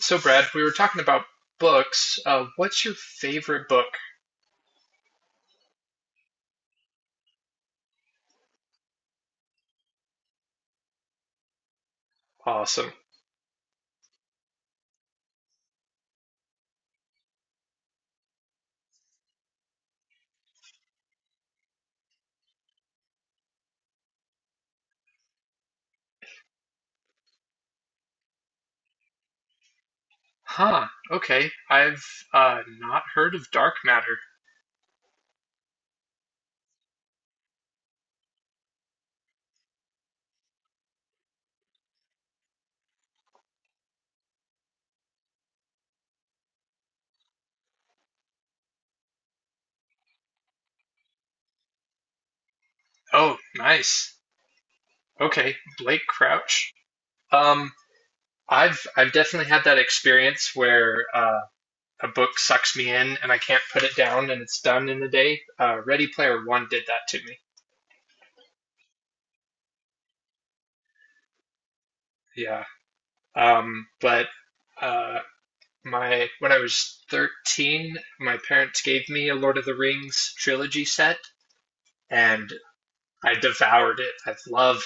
So, Brad, we were talking about books. What's your favorite book? Awesome. Huh. Okay. I've not heard of Dark Matter. Oh, nice. Okay. Blake Crouch. Um, I've definitely had that experience where a book sucks me in and I can't put it down and it's done in a day. Ready Player One did that to me. Yeah. But uh, my When I was 13, my parents gave me a Lord of the Rings trilogy set, and I devoured it. I've loved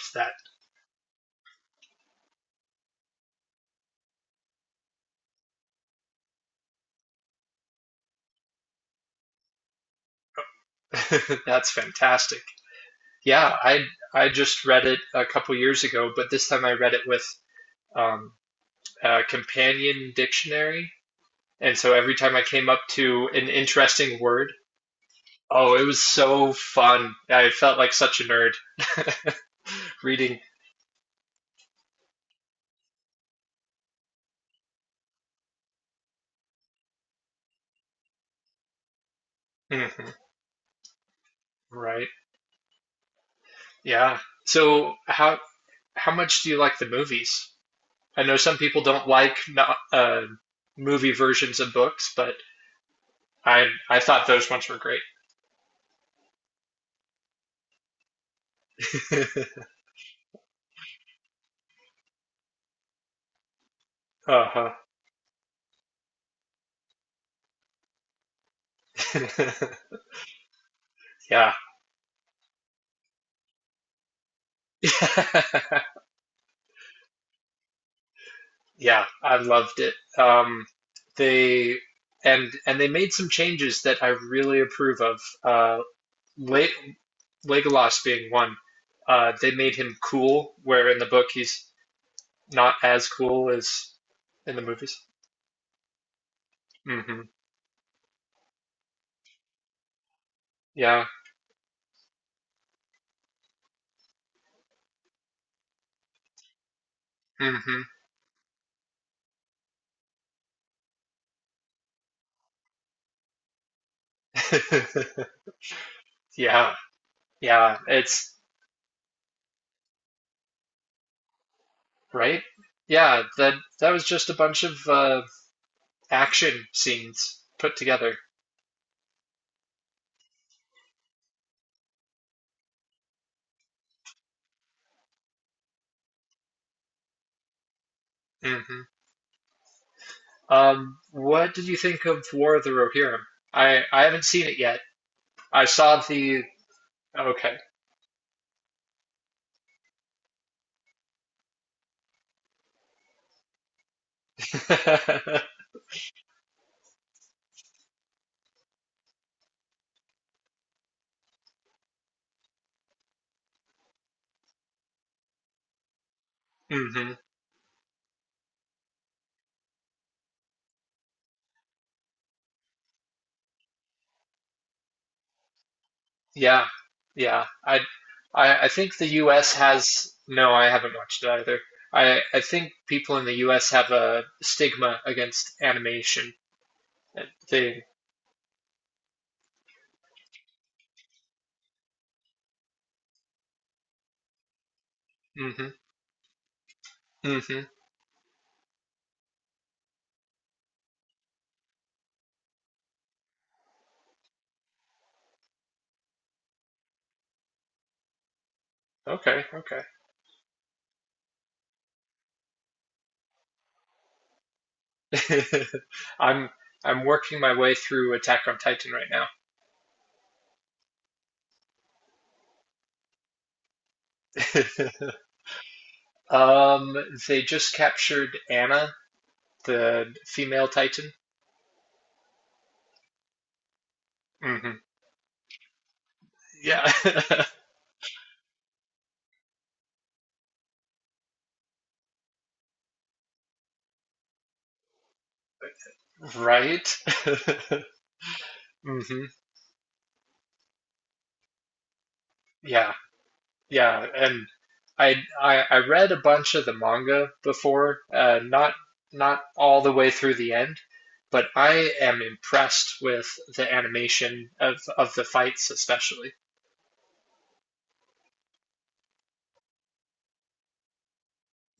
that. That's fantastic. Yeah, I just read it a couple years ago, but this time I read it with um, a companion dictionary, and so every time I came up to an interesting word, oh, it was so fun. I felt like such a nerd reading. Mhm. Right. Yeah. So how much do you like the movies? I know some people don't like movie versions of books, but I thought those ones were great. Uh huh. yeah. yeah, I loved it. They And they made some changes that I really approve of. Le Legolas being one. They made him cool, where in the book he's not as cool as in the movies. Hmm. Yeah. Hmm. Yeah. Yeah. It's Right. Yeah. That was just a bunch of action scenes put together. Mm-hmm. What did you think of War of the Rohirrim? I haven't seen it yet. I saw the Okay. Hmm. Yeah, yeah. I think the U.S. has no. I haven't watched it either. I think people in the U.S. have a stigma against animation. They. Hmm. Hmm. Okay. Okay. I'm I'm working my way through Attack on Titan right now. Um, they just captured Anna, the female Titan. Hmm. Yeah. right. Hmm. Yeah. Yeah. And I, I read a bunch of the manga before, not not all the way through the end, but I am impressed with the animation of the fights especially.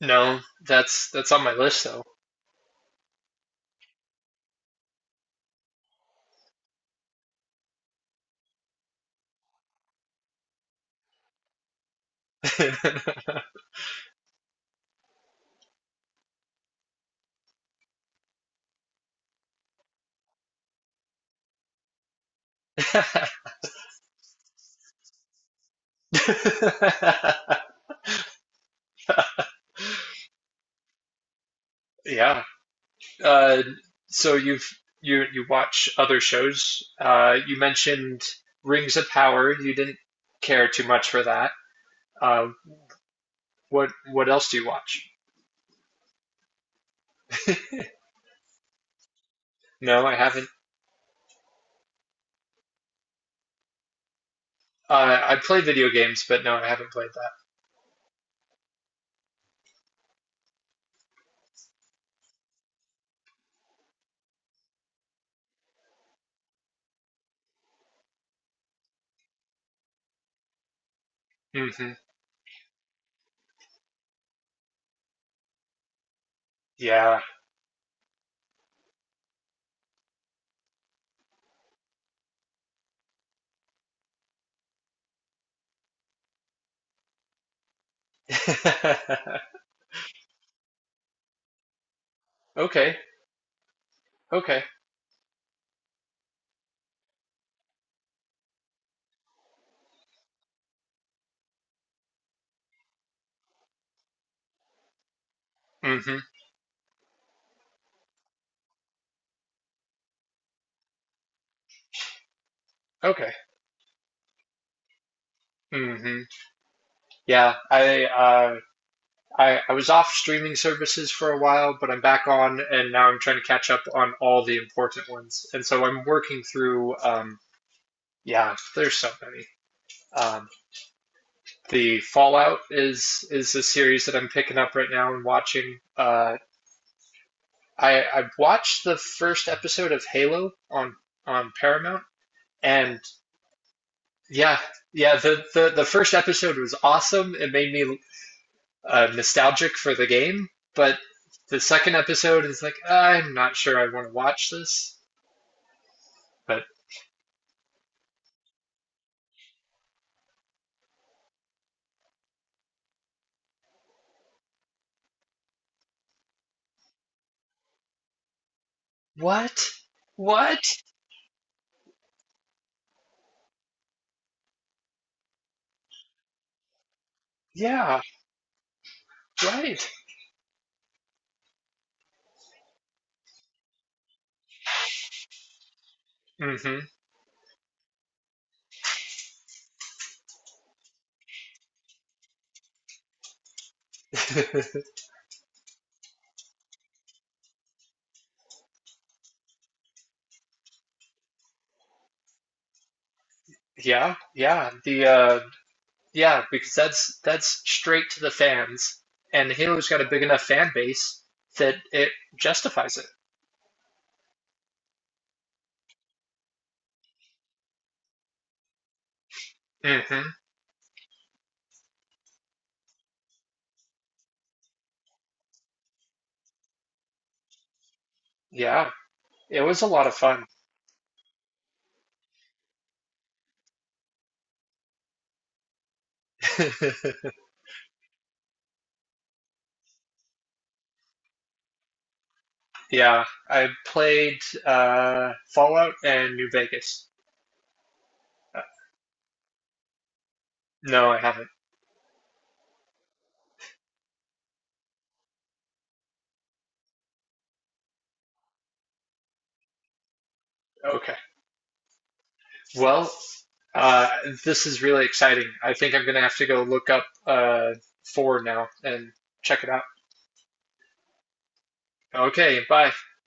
No, that's on my list though. Yeah, uh, so you've you watch other shows. You mentioned Rings of Power. You didn't care too much for that. Uh, what else do you watch? No, I haven't. I play video games, but no, I haven't played that. Hmm. Yeah. okay. Okay. Hmm. Okay. Hmm. Yeah. I was off streaming services for a while, but I'm back on, and now I'm trying to catch up on all the important ones. And so I'm working through yeah, there's so many. Um, the Fallout is a series that I'm picking up right now and watching. I watched the first episode of Halo on Paramount, and yeah, yeah, the first episode was awesome. It made me nostalgic for the game, but the second episode is like I'm not sure I want to watch this. But what? What? Yeah, right. Hmm. yeah, yeah. The yeah, because that's straight to the fans, and Halo's got a big enough fan base that it justifies it. Hmm. Yeah, it was a lot of fun. Yeah, I played Fallout and New Vegas. Uh, No, I haven't. Okay. Well, uh, this is really exciting. I think I'm gonna have to go look up four now and check it out. Okay, bye.